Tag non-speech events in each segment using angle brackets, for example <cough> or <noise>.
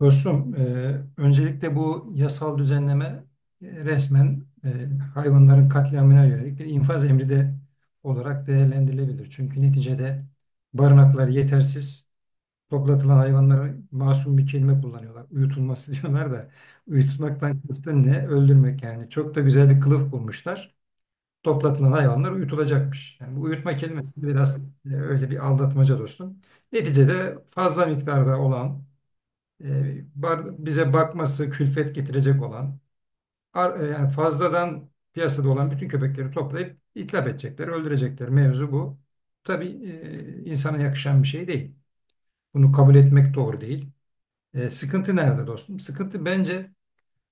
Dostum, öncelikle bu yasal düzenleme resmen hayvanların katliamına yönelik bir infaz emri de olarak değerlendirilebilir. Çünkü neticede barınaklar yetersiz, toplatılan hayvanlara masum bir kelime kullanıyorlar. Uyutulması <laughs> diyorlar da uyutmaktan kastın ne? Öldürmek yani. Çok da güzel bir kılıf bulmuşlar. Toplatılan hayvanlar uyutulacakmış. Yani bu uyutma kelimesi biraz öyle bir aldatmaca dostum. Neticede fazla miktarda olan e, bize bakması külfet getirecek olan yani fazladan piyasada olan bütün köpekleri toplayıp itlaf edecekler, öldürecekler. Mevzu bu. Tabii insana yakışan bir şey değil. Bunu kabul etmek doğru değil. Sıkıntı nerede dostum? Sıkıntı bence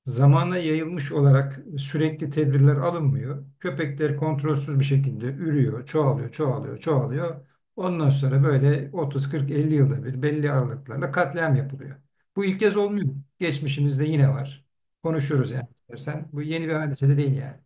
zamana yayılmış olarak sürekli tedbirler alınmıyor. Köpekler kontrolsüz bir şekilde ürüyor, çoğalıyor, çoğalıyor, çoğalıyor. Ondan sonra böyle 30, 40, 50 yılda bir belli aralıklarla katliam yapılıyor. Bu ilk kez olmuyor. Geçmişimizde yine var. Konuşuruz yani istersen. Bu yeni bir hadise de değil yani.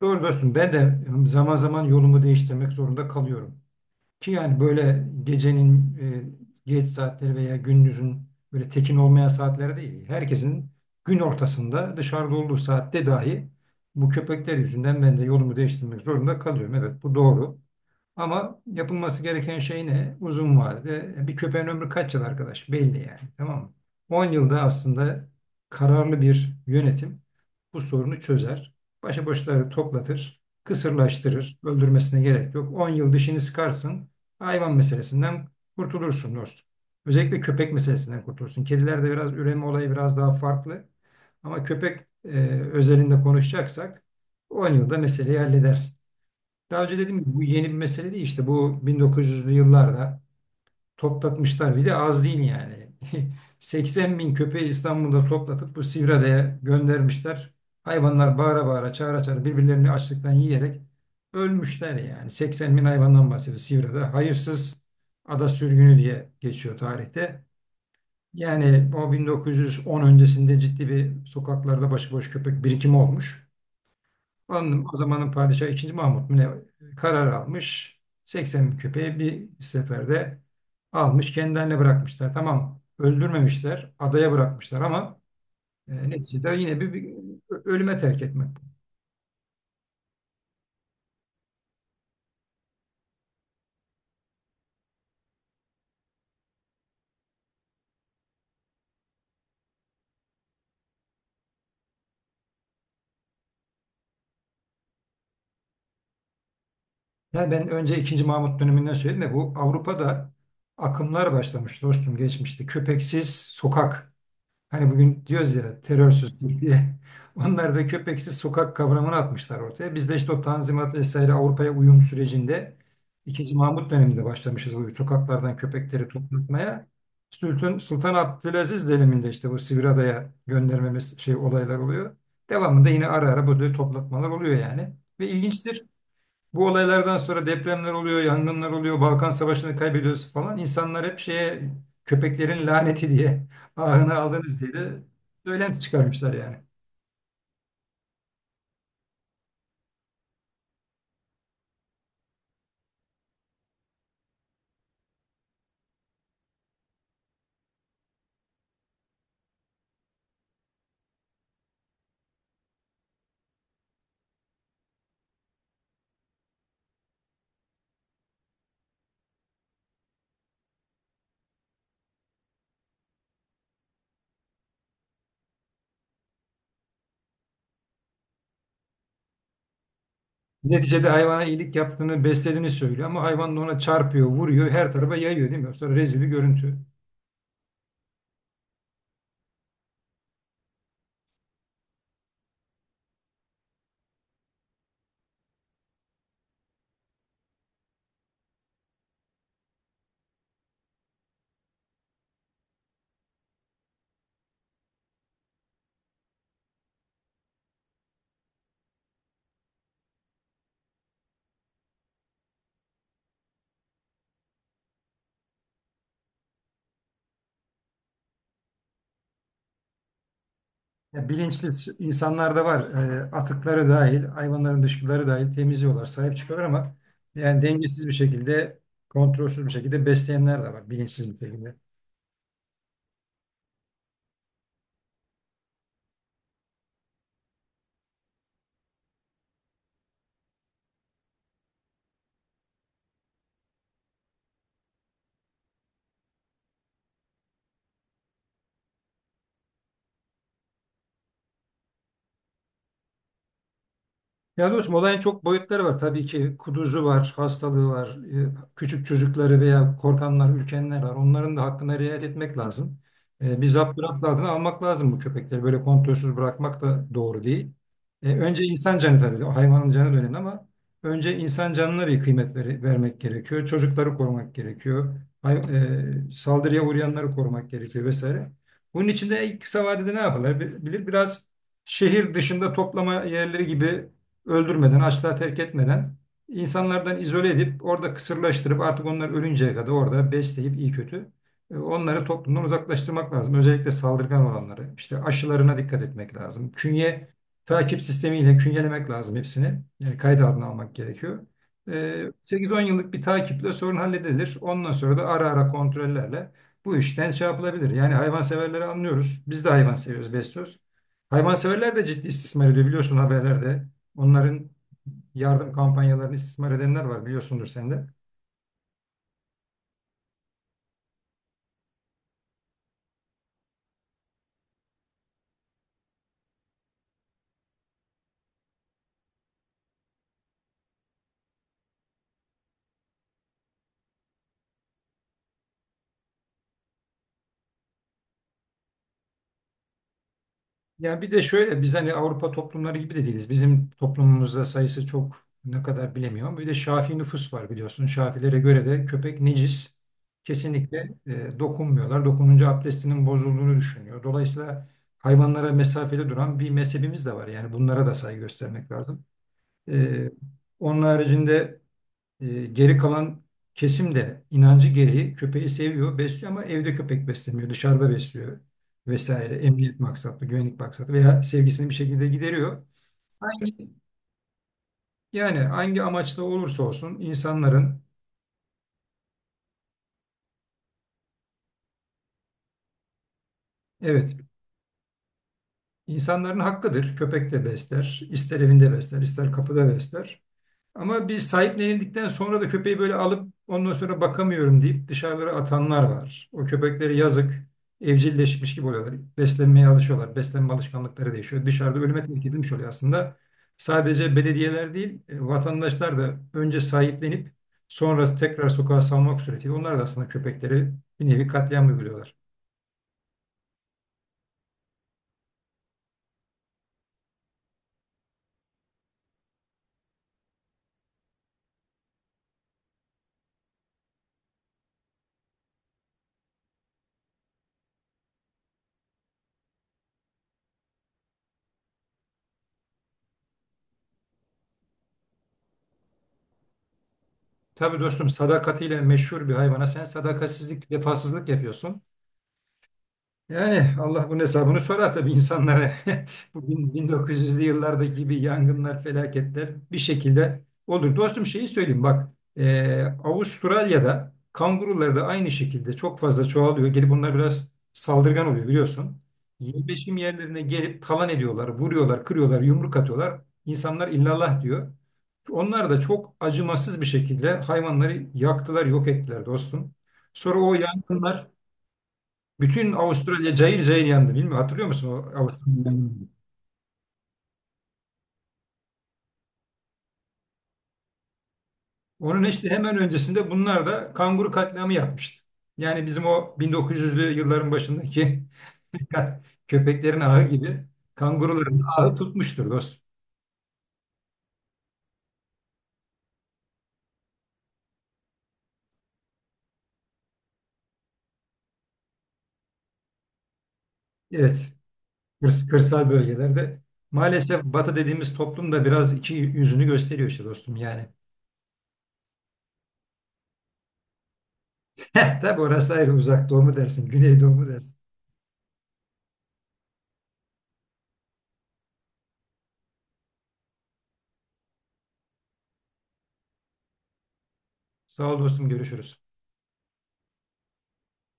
Doğru dostum ben de zaman zaman yolumu değiştirmek zorunda kalıyorum. Ki yani böyle gecenin geç saatleri veya gündüzün böyle tekin olmayan saatler değil. Herkesin gün ortasında dışarıda olduğu saatte dahi bu köpekler yüzünden ben de yolumu değiştirmek zorunda kalıyorum. Evet, bu doğru. Ama yapılması gereken şey ne? Uzun vadede bir köpeğin ömrü kaç yıl arkadaş? Belli yani. Tamam mı? 10 yılda aslında kararlı bir yönetim bu sorunu çözer. Başıboşları toplatır, kısırlaştırır, öldürmesine gerek yok. 10 yıl dişini sıkarsın, hayvan meselesinden kurtulursun dostum. Özellikle köpek meselesinden kurtulursun. Kedilerde biraz üreme olayı biraz daha farklı. Ama köpek e, özelinde konuşacaksak 10 yılda meseleyi halledersin. Daha önce dedim ki bu yeni bir mesele değil, işte bu 1900'lü yıllarda toplatmışlar, bir de az değil yani. <laughs> 80 bin köpeği İstanbul'da toplatıp bu Sivriada'ya göndermişler. Hayvanlar bağıra bağıra, çağıra çağıra birbirlerini açlıktan yiyerek ölmüşler yani. 80 bin hayvandan bahsediyor Sivriada. Hayırsız ada sürgünü diye geçiyor tarihte. Yani o 1910 öncesinde ciddi bir sokaklarda başıboş köpek birikimi olmuş. Anladım. O zamanın padişahı ikinci Mahmut mu ne, karar almış. 80 bin köpeği bir seferde almış. Kendilerine bırakmışlar. Tamam, öldürmemişler. Adaya bırakmışlar ama neticede yine bir ölüme terk etmek. Yani ben önce ikinci Mahmut döneminden söyledim de bu Avrupa'da akımlar başlamış dostum geçmişte. Köpeksiz sokak. Hani bugün diyoruz ya terörsüz Türkiye. <laughs> Onlar da köpeksiz sokak kavramını atmışlar ortaya. Biz de işte o Tanzimat vesaire Avrupa'ya uyum sürecinde İkinci Mahmut döneminde başlamışız bu sokaklardan köpekleri toplatmaya. Sultan Abdülaziz döneminde işte bu Sivriada'ya göndermemiz şey olaylar oluyor. Devamında yine ara ara böyle toplatmalar oluyor yani. Ve ilginçtir. Bu olaylardan sonra depremler oluyor, yangınlar oluyor, Balkan Savaşı'nı kaybediyoruz falan. İnsanlar hep şeye, köpeklerin laneti diye, ahını aldınız diye de söylenti çıkarmışlar yani. Neticede hayvana iyilik yaptığını, beslediğini söylüyor ama hayvan da ona çarpıyor, vuruyor, her tarafa yayıyor değil mi? Sonra rezil bir görüntü. Ya, bilinçli insanlar da var. Atıkları dahil, hayvanların dışkıları dahil temizliyorlar, sahip çıkıyorlar ama yani dengesiz bir şekilde, kontrolsüz bir şekilde besleyenler de var bilinçsiz bir şekilde. Ya dostum, olayın çok boyutları var. Tabii ki kuduzu var, hastalığı var, küçük çocukları veya korkanlar, ürkenler var. Onların da hakkına riayet etmek lazım. Bir zapt adına almak lazım bu köpekleri. Böyle kontrolsüz bırakmak da doğru değil. Önce insan canı tabii, hayvanın canı da önemli ama önce insan canına bir kıymet vermek gerekiyor. Çocukları korumak gerekiyor. Hay- Saldırıya uğrayanları korumak gerekiyor vesaire. Bunun için de kısa vadede ne yapılabilir? Biraz şehir dışında toplama yerleri gibi öldürmeden, açlığa terk etmeden insanlardan izole edip orada kısırlaştırıp artık onlar ölünceye kadar orada besleyip iyi kötü onları toplumdan uzaklaştırmak lazım. Özellikle saldırgan olanları. İşte aşılarına dikkat etmek lazım. Künye takip sistemiyle künyelemek lazım hepsini. Yani kayıt altına almak gerekiyor. 8-10 yıllık bir takiple sorun halledilir. Ondan sonra da ara ara kontrollerle bu işten şey yapılabilir. Yani hayvanseverleri anlıyoruz. Biz de hayvan seviyoruz, besliyoruz. Hayvanseverler de ciddi istismar ediyor biliyorsun, haberlerde. Onların yardım kampanyalarını istismar edenler var, biliyorsundur sen de. Ya bir de şöyle, biz hani Avrupa toplumları gibi de değiliz. Bizim toplumumuzda sayısı çok ne kadar bilemiyorum. Bir de Şafii nüfus var biliyorsun. Şafilere göre de köpek necis. Kesinlikle dokunmuyorlar. Dokununca abdestinin bozulduğunu düşünüyor. Dolayısıyla hayvanlara mesafeli duran bir mezhebimiz de var. Yani bunlara da saygı göstermek lazım. E, onun haricinde geri kalan kesim de inancı gereği köpeği seviyor, besliyor ama evde köpek beslemiyor, dışarıda besliyor vesaire. Emniyet maksatlı, güvenlik maksatlı veya sevgisini bir şekilde gideriyor. Yani hangi amaçla olursa olsun insanların, evet, insanların hakkıdır. Köpek de besler, ister evinde besler, ister kapıda besler. Ama biz sahiplenildikten sonra da köpeği böyle alıp ondan sonra bakamıyorum deyip dışarılara atanlar var. O köpeklere yazık, evcilleşmiş gibi oluyorlar. Beslenmeye alışıyorlar. Beslenme alışkanlıkları değişiyor. Dışarıda ölüme terk edilmiş oluyor aslında. Sadece belediyeler değil, vatandaşlar da önce sahiplenip sonra tekrar sokağa salmak suretiyle onlar da aslında köpekleri bir nevi katliam uyguluyorlar. Tabii dostum, sadakatiyle meşhur bir hayvana sen sadakatsizlik, vefasızlık yapıyorsun. Yani Allah bunun hesabını sorar tabii insanlara. <laughs> Bu 1900'lü yıllardaki gibi yangınlar, felaketler bir şekilde olur. Dostum, şeyi söyleyeyim bak. Avustralya'da kangurular da aynı şekilde çok fazla çoğalıyor. Gelip bunlar biraz saldırgan oluyor biliyorsun. Yerleşim yerlerine gelip talan ediyorlar, vuruyorlar, kırıyorlar, yumruk atıyorlar. İnsanlar illallah diyor. Onlar da çok acımasız bir şekilde hayvanları yaktılar, yok ettiler dostum. Sonra o yangınlar, bütün Avustralya cayır cayır yandı. Bilmiyorum, hatırlıyor musun o Avustralya yangını? Onun işte hemen öncesinde bunlar da kanguru katliamı yapmıştı. Yani bizim o 1900'lü yılların başındaki <laughs> köpeklerin ahı gibi kanguruların ahı tutmuştur dost. Evet, kırsal bölgelerde maalesef Batı dediğimiz toplum da biraz iki yüzünü gösteriyor işte dostum yani. <laughs> Tabii, orası ayrı, uzak doğu mu dersin, güney doğu mu dersin. Sağ ol dostum, görüşürüz.